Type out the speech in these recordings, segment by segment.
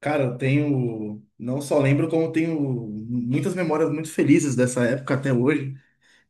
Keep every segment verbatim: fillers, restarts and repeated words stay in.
Cara, eu tenho, não só lembro, como tenho muitas memórias muito felizes dessa época até hoje,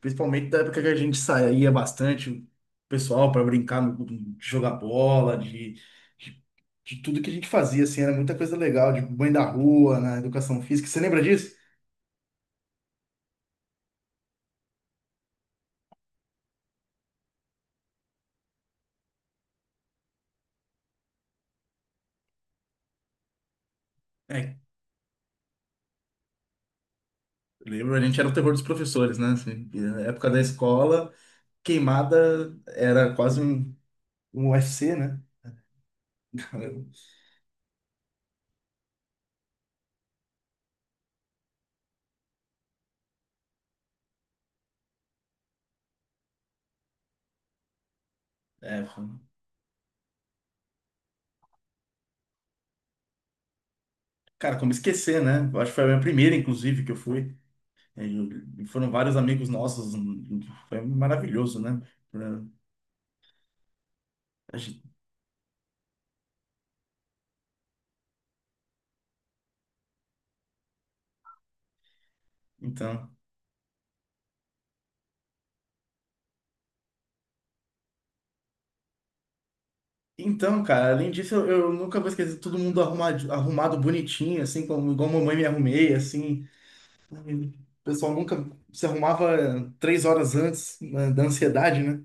principalmente da época que a gente saía bastante, o pessoal, para brincar, no- de jogar bola, de, de, de tudo que a gente fazia, assim, era muita coisa legal, de banho da rua, na educação física. Você lembra disso? É, lembro, a gente era o terror dos professores, né? Assim, na época da escola, queimada era quase um, um U F C, né? É, cara, como esquecer, né? Eu acho que foi a minha primeira, inclusive, que eu fui. E e foram vários amigos nossos. Hum, hum. Foi maravilhoso, né? Pra- a gente- Então, então, cara, além disso, eu, eu nunca vou esquecer todo mundo arrumado, arrumado bonitinho, assim, como igual a mamãe me arrumei, assim. O pessoal nunca se arrumava três horas antes, né, da ansiedade, né?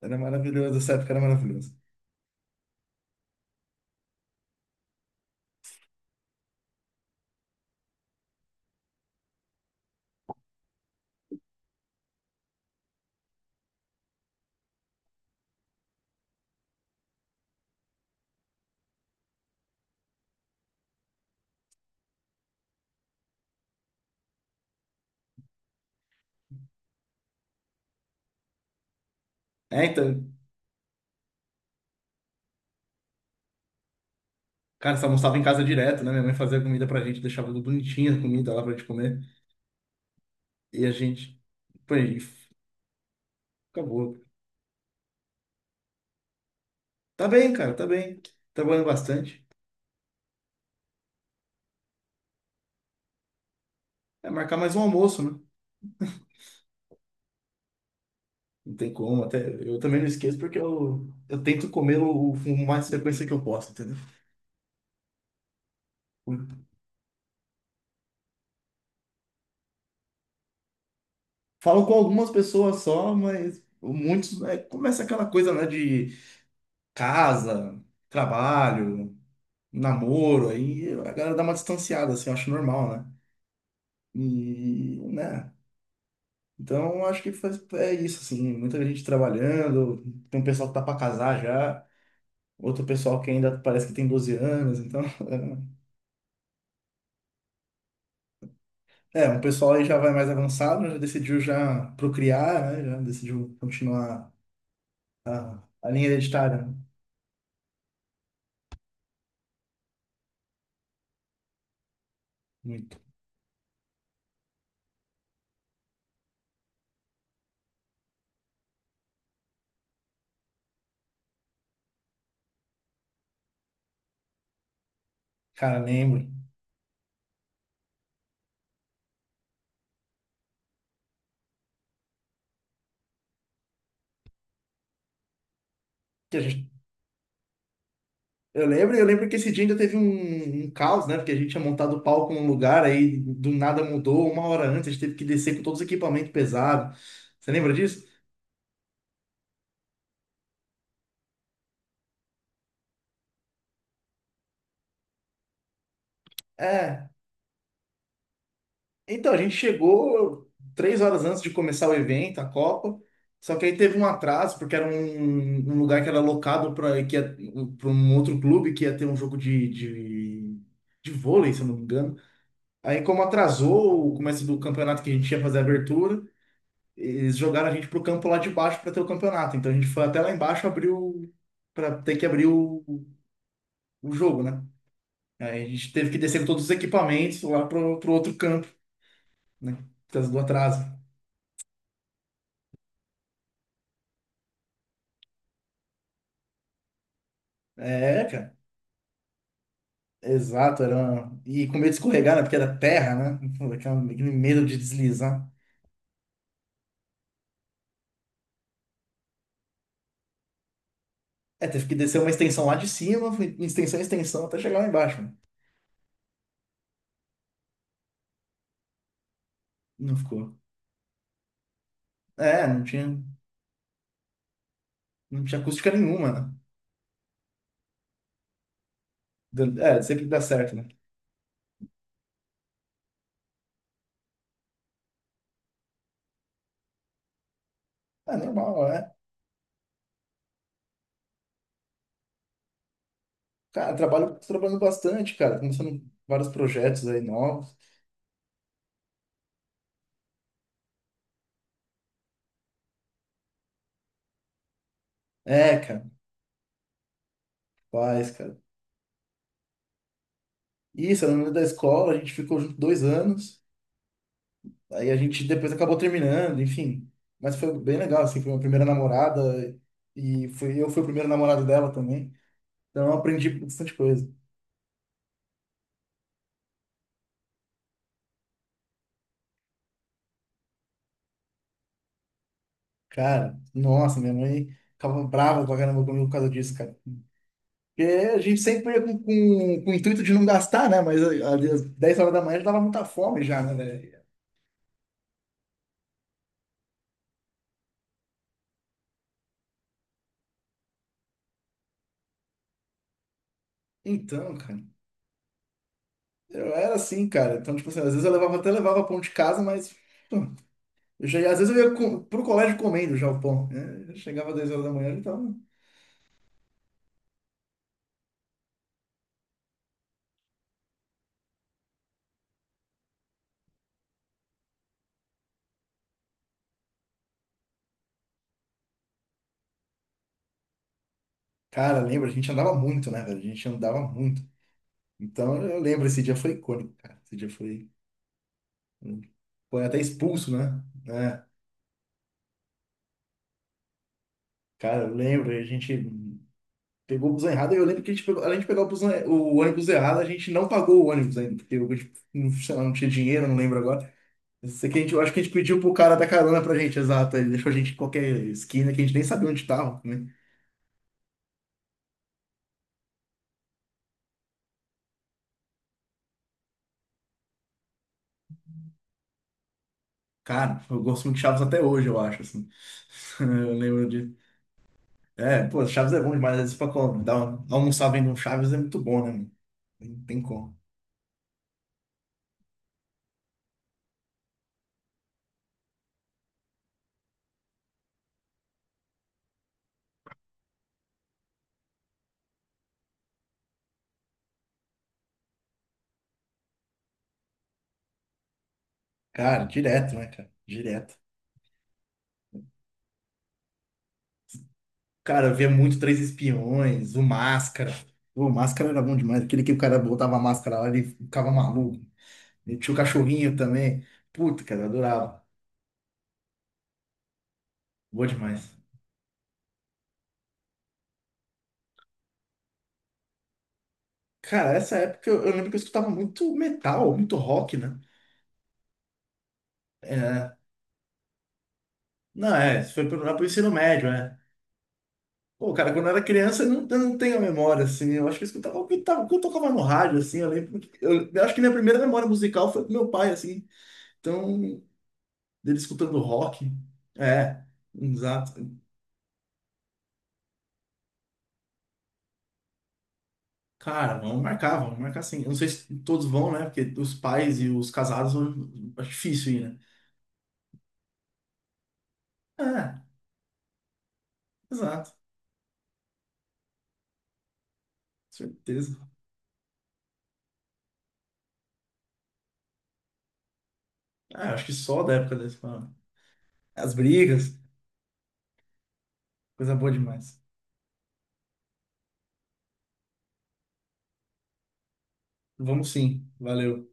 Era maravilhoso, essa época era maravilhoso. É, então, cara, você almoçava em casa direto, né? Minha mãe fazia comida pra gente, deixava tudo bonitinho a comida lá pra gente comer. E a gente, pô, e f- acabou. Tá bem, cara, tá bem. Trabalhando bastante. É, marcar mais um almoço, né? Não tem como, até eu também não esqueço porque eu, eu tento comer o, o mais frequência que eu posso, entendeu? Falo com algumas pessoas só, mas muitos, né, começa aquela coisa, né, de casa, trabalho, namoro, aí a galera dá uma distanciada, assim, eu acho normal, né? E, né? Então, acho que faz- é isso, assim, muita gente trabalhando, tem um pessoal que tá para casar já, outro pessoal que ainda parece que tem doze anos, então, é, um pessoal aí já vai mais avançado, já decidiu já procriar, né, já decidiu continuar a, a linha hereditária, né? Muito. Cara, lembro que a gente, eu lembro, eu lembro que esse dia ainda teve um, um caos, né, porque a gente tinha montado o palco num lugar, aí do nada mudou, uma hora antes, a gente teve que descer com todos os equipamentos pesados, você lembra disso? É, então, a gente chegou três horas antes de começar o evento, a Copa. Só que aí teve um atraso, porque era um, um lugar que era locado para um outro clube que ia ter um jogo de, de, de vôlei, se eu não me engano. Aí, como atrasou o começo do campeonato que a gente ia fazer a abertura, eles jogaram a gente pro campo lá de baixo para ter o campeonato. Então, a gente foi até lá embaixo abriu para ter que abrir o, o jogo, né? Aí a gente teve que descer com todos os equipamentos lá pro, pro outro campo, né? Por causa do atraso. É, cara. Exato, era uma- e com medo de escorregar, né? Porque era terra, né? Aquela- Aquele medo de deslizar. É, teve que descer uma extensão lá de cima, foi extensão, extensão, até chegar lá embaixo, né? Não ficou. É, não tinha, não tinha acústica nenhuma, né? Dan- É, sempre dá certo, né? É normal, é. Cara, trabalho, tô trabalhando bastante, cara. Começando vários projetos aí novos. É, cara, faz, cara. Isso, eu lembro da escola, a gente ficou junto dois anos. Aí a gente depois acabou terminando, enfim. Mas foi bem legal, assim, foi minha primeira namorada e foi, eu fui o primeiro namorado dela também. Então eu aprendi bastante coisa. Cara, nossa, minha mãe ficava brava pra caramba comigo por causa disso, cara. Porque a gente sempre ia com, com, com o intuito de não gastar, né? Mas ali às dez horas da manhã já dava muita fome já, né, velho? Então, cara, eu era assim, cara. Então, tipo assim, às vezes eu levava, até levava pão de casa, mas pô, eu já, ia- às vezes eu ia co- pro colégio comendo já o pão, né? Eu chegava às dez horas da manhã, então. Cara, lembra? A gente andava muito, né, velho? A gente andava muito. Então, eu lembro, esse dia foi icônico, cara. Esse dia foi. Foi até expulso, né? É, cara, eu lembro, a gente pegou o busão errado. Eu lembro que a gente pegou, além de pegar o, busão, o ônibus errado, a gente não pagou o ônibus ainda, porque eu, não sei lá, não tinha dinheiro, não lembro agora. Eu sei que a gente, eu acho que a gente pediu pro cara da carona pra gente, exato. Ele deixou a gente em qualquer esquina que a gente nem sabia onde tava, né? Cara, eu gosto muito de Chaves até hoje, eu acho, assim. Eu lembro. É, pô, Chaves é bom demais. Às vezes pra co- dar uma- almoçar vendo um Chaves é muito bom, né, mano? Não tem como. Cara, direto, né, cara? Direto. Cara, eu via muito Três Espiões, o Máscara. Pô, o Máscara era bom demais. Aquele que o cara botava a máscara lá, ele ficava maluco. E tinha o cachorrinho também. Puta, cara, eu adorava. Bom demais. Cara, essa época eu, eu lembro que eu escutava muito metal, muito rock, né? É, não, é, isso foi pro, lá pro ensino médio, né? Pô, cara, quando eu era criança, eu não, eu não tenho a memória, assim. Eu acho que eu escutava o que, tava- o que eu tocava no rádio, assim. Eu lembro. que- Eu, eu acho que minha primeira memória musical foi com meu pai, assim. Então, dele escutando rock. É, exato. Cara, vamos marcar, vamos marcar sim. Eu não sei se todos vão, né? Porque os pais e os casados vão- é difícil ir, né? É, exato, certeza. Ah, acho que só da época da escola. As brigas, coisa boa demais. Vamos sim, valeu.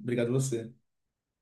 Obrigado a você.